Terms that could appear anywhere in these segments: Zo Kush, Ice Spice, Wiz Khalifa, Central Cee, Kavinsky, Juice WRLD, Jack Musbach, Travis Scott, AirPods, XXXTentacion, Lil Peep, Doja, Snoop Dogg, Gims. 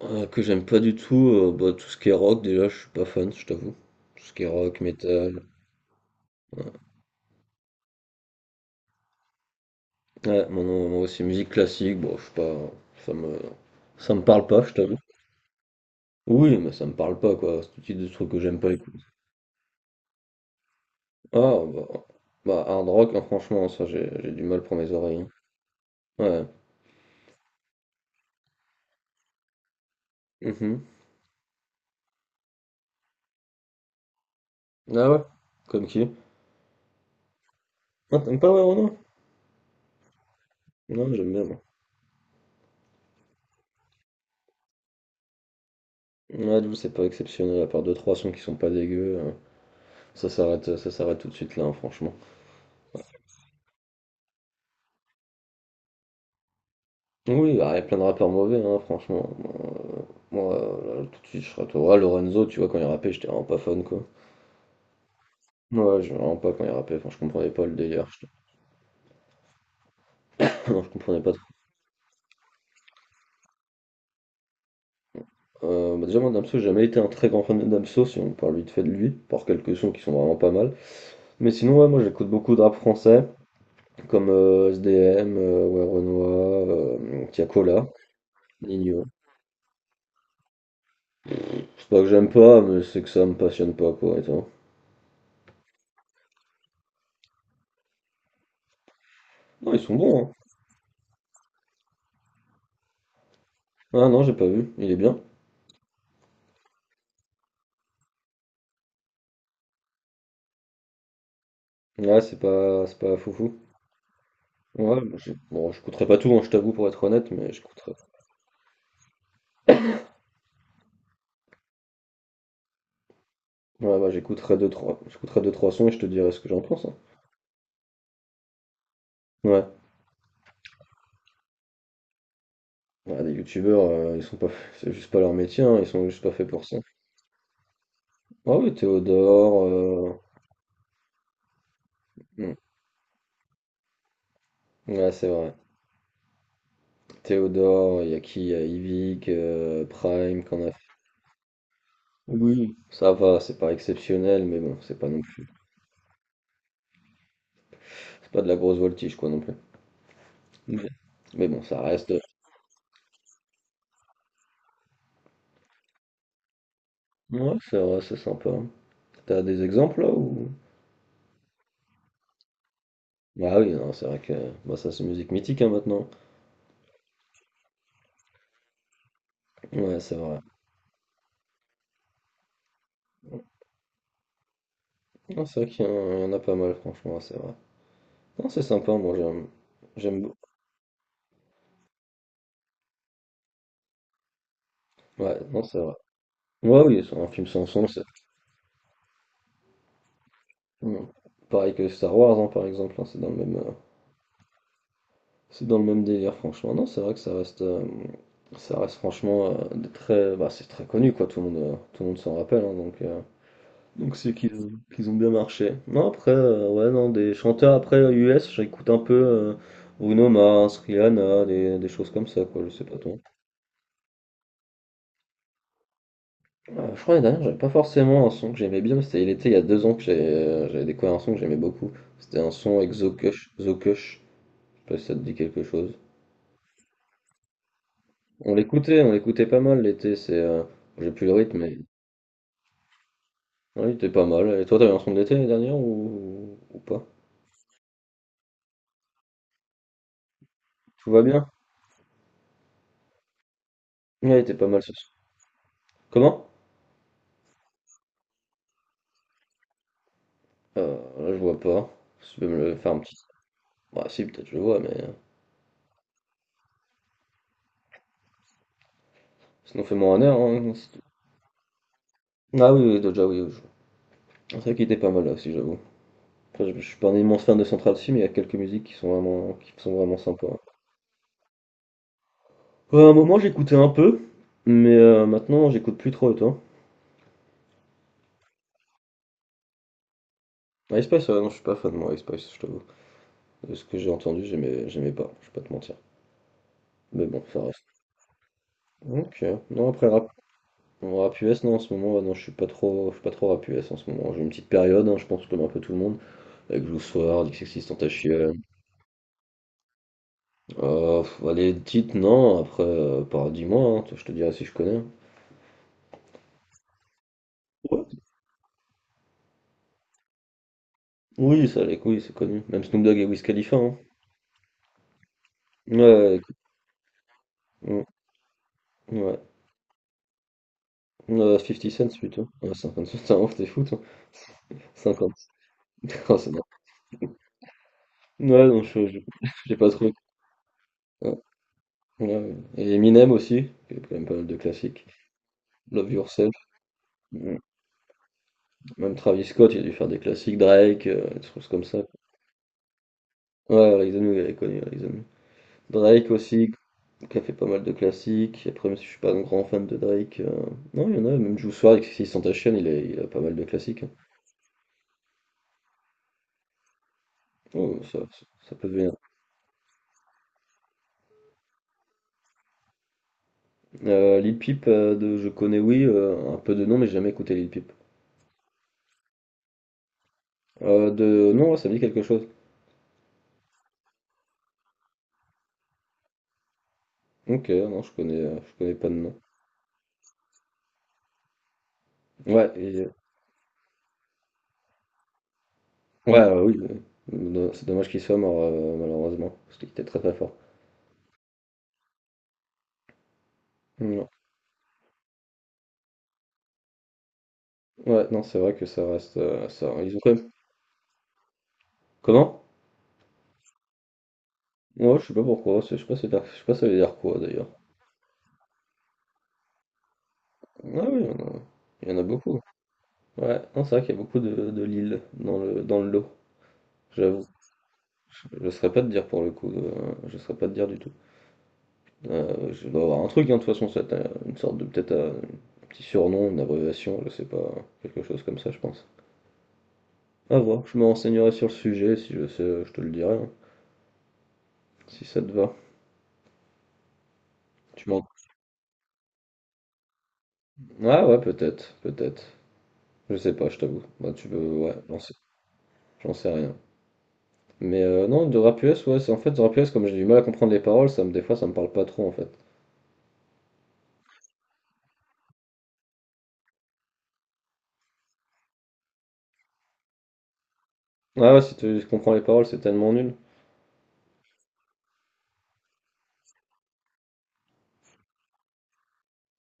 Que j'aime pas du tout, bah, tout ce qui est rock déjà, je suis pas fan, je t'avoue. Tout ce qui est rock, métal, ouais. Ouais, moi non, moi aussi musique classique, bon, je suis pas ça me ça me parle pas, je t'avoue. Oui, mais ça me parle pas quoi, c'est tout type de trucs que j'aime pas écouter. Ah bah, hard rock, hein, franchement, ça j'ai du mal pour mes oreilles, hein. Ouais. Mhm. Mh. Ah ouais? Comme qui? Ah t'aimes pas, ouais, Ronan? Non, j'aime bien moi. Ouais, j'avoue, c'est pas exceptionnel, à part deux trois sons qui sont pas dégueux, ça s'arrête tout de suite là, hein, franchement. Oui, bah, il y a plein de rappeurs mauvais, hein, franchement. Moi, là, tout de suite, je serais à toi. Ah, Lorenzo, tu vois, quand il rappait, j'étais vraiment pas fan, quoi. Ouais, je vraiment pas quand il rappait, enfin, je comprenais pas le délire. Non, je comprenais pas trop. Bah, déjà, moi, Damso, j'ai jamais été un très grand fan de Damso, si on parle vite fait de lui, par quelques sons qui sont vraiment pas mal. Mais sinon, ouais, moi, j'écoute beaucoup de rap français, comme SDM, ouais, Renoir, Tiakola, Nino. C'est pas que j'aime pas, mais c'est que ça me passionne pas, quoi, et toi. Non, ils sont bons, hein. Ah non, j'ai pas vu, il est bien. Ouais, c'est pas foufou. Ouais, bah, bon, j'écouterai pas tout, hein, je t'avoue, pour être honnête, mais j'écouterai. Ouais, bah, j'écouterai deux, trois sons et je te dirai ce que j'en pense, hein. Ouais. Ouais, les youtubeurs, ils sont pas, c'est juste pas leur métier, hein, ils sont juste pas faits pour ça. Ah oui, Théodore, hmm, ouais, c'est vrai. Théodore, il y a qui? Il y a Yvick, Prime, qu'on a fait. Oui. Ça va, c'est pas exceptionnel, mais bon, c'est pas de la grosse voltige, quoi, non plus. Mais, mais bon, ça reste. Ouais, c'est vrai, c'est sympa. T'as des exemples là ou? Ah oui, non, c'est vrai que bah, ça c'est musique mythique hein, maintenant. Ouais, c'est vrai. Non, c'est vrai qu'il y, en il y en a pas mal, franchement, c'est vrai. Non, c'est sympa, moi j'aime. J'aime beaucoup. Ouais, non, c'est vrai. Ouais, oui, c'est un film sans son, c'est. Mm. Pareil que Star Wars, hein, par exemple, hein, c'est dans le même délire, franchement. Non, c'est vrai que ça reste franchement des très, bah, c'est très connu, quoi. Tout le monde s'en rappelle, hein, donc. Donc c'est qu'ils ont bien marché. Non, après, ouais, non, des chanteurs après US, j'écoute un peu Bruno Mars, Rihanna, des choses comme ça, quoi, je sais pas toi. Je crois l'année dernière, j'avais pas forcément un son que j'aimais bien, mais c'était il était il y a deux ans que j'avais découvert un son que j'aimais beaucoup. C'était un son avec Zo Kush, Zo Kush, je sais pas si ça te dit quelque chose. On l'écoutait pas mal l'été, c'est j'ai plus le rythme, mais. Ouais, il était pas mal. Et toi, t'avais un son de l'été l'année dernière ou pas? Tout va bien? Ouais, il était pas mal ce son. Comment? Là, je vois pas. Si tu peux me le faire un petit. Bah, si, peut-être je le vois, mais. Sinon, fais-moi un air. Hein, si tu- ah oui, oui, Doja, oui, oui, vois. C'est vrai qu'il était pas mal là aussi, j'avoue. Après, je suis pas un immense fan de Central Cee, mais il y a quelques musiques qui sont vraiment sympas. Ouais, à un moment, j'écoutais un peu, mais maintenant, j'écoute plus trop, et toi? Ah, Ice Spice, non, je suis pas fan, de moi, Ice Spice, je t'avoue. De ce que j'ai entendu, j'aimais pas, je vais pas te mentir. Mais bon, ça reste. Ok. Non, après, rap US, non, en ce moment, ouais, non, je suis pas trop rap US en ce moment. J'ai une petite période, hein, je pense comme un peu tout le monde. Avec Blue Sword, XXXTentacion. Oh, pff, bah, les titres, non, après, dis-moi, hein, je te dirai si je connais. Ouais. Oui, ça, les couilles, c'est connu. Même Snoop Dogg et Wiz Khalifa, hein. Ouais, ouais, écoute, mm, ouais. 50 cents plutôt. Ouais, 50 cents, t'es un ouf, t'es fou, toi. 50. Oh, c'est bon. Ouais, non, j'ai pas trop. Ouais, ouais, ouais. Et Eminem aussi, qui a quand même pas mal de classiques. Love Yourself. Mm. Même Travis Scott, il a dû faire des classiques. Drake, des choses comme ça. Ouais, Rise the New, il est connu, Rise the New. Drake aussi, qui a fait pas mal de classiques. Après, même si je suis pas un grand fan de Drake, non, il y en a, même Juice WRLD, XXXTentacion, Santation, il a pas mal de classiques, hein. Oh, ça peut devenir. Lil Peep, je connais, oui, un peu de nom, mais j'ai jamais écouté Lil Peep. Non, ouais, ça me dit quelque chose. Ok, non, je connais pas de nom. Ouais, ouais, oui, non, c'est dommage qu'il soit mort, malheureusement, parce qu'il était très très fort. Non. Ouais, non, c'est vrai que ça reste, ils ont quand même. Comment? Ouais, je sais pas pourquoi, je sais pas, je sais pas ça veut dire quoi d'ailleurs. Ah oui, il y en a beaucoup. Ouais, non, c'est vrai qu'il y a beaucoup de Lille dans le lot. J'avoue, je ne saurais pas te dire pour le coup, je ne saurais pas te dire du tout. Je dois avoir un truc, hein, de toute façon, ça t'as une sorte de peut-être un petit surnom, une abréviation, je sais pas, quelque chose comme ça, je pense. À voir, je me renseignerai sur le sujet, si je sais, je te le dirai, hein, si ça te va. Tu m'en. Ah ouais, peut-être, peut-être. Je sais pas, je t'avoue. Bah, tu peux, ouais, j'en sais rien. Mais non, de rap US, ouais, c'est en fait, de rap US, comme j'ai du mal à comprendre les paroles, des fois, ça me parle pas trop, en fait. Ah ouais, si tu comprends les paroles, c'est tellement nul.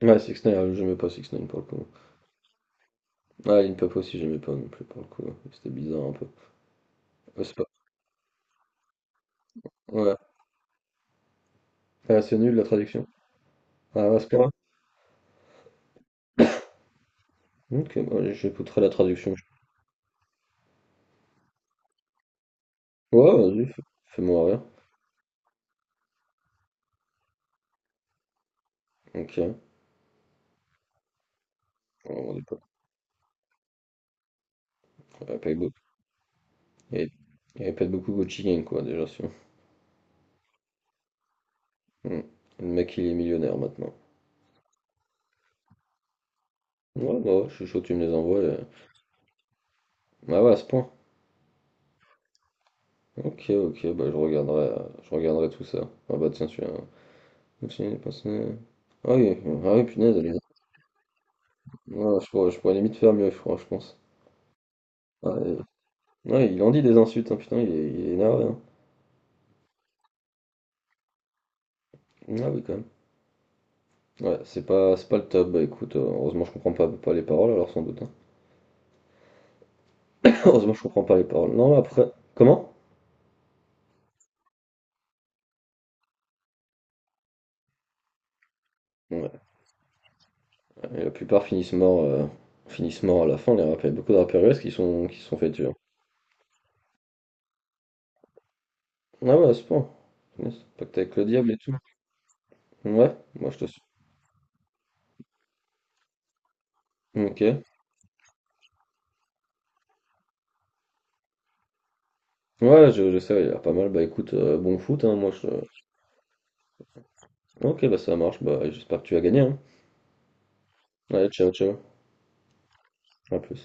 Ouais, 6 9 j'aimais pas 6 9 pour le coup. Ah, Lil Pump aussi, j'aimais pas non plus pour le coup. C'était bizarre un peu. Ouais, c'est pas, ouais. Ah, c'est nul la traduction. Ah, ouais, c'est pas ok, bah, j'écouterai la traduction. Ouais, vas-y, fais-moi rire. Ok. Ouais, on est pas. Il y avait pas beaucoup. Il y avait- il y avait pas beaucoup Gucci Gang, quoi, déjà, sûr. Le mec, il est millionnaire maintenant. Ouais, bah, ouais, je suis chaud, tu me les envoies. Ah ouais, à ce point. Ok, ok, bah je regarderai tout ça. Ah bah tiens, celui-là. Continue de passer. Ah oui, ah oui, punaise, Ah, je pourrais limite faire mieux, je crois, je pense. Ah, ouais, il en dit des insultes, hein, putain, il est énervé, hein. Ah oui, quand même. Ouais, c'est pas le top. Bah écoute, heureusement, je comprends pas les paroles, alors sans doute, hein. Heureusement, je comprends pas les paroles. Non, après. Comment? Ouais, et la plupart finissent morts, finissent morts à la fin, les rappeurs. Il y a beaucoup de rappeurs US qui se sont fait tuer. Ah ouais, à ce point. Punaise, pacte avec le diable et tout. Ouais, moi je te suis. Ok. Ouais, je sais, il y a pas mal. Bah écoute, bon foot, hein, moi je. Ok, bah ça marche, bah j'espère que tu vas gagner, hein. Allez, ciao, ciao. À plus.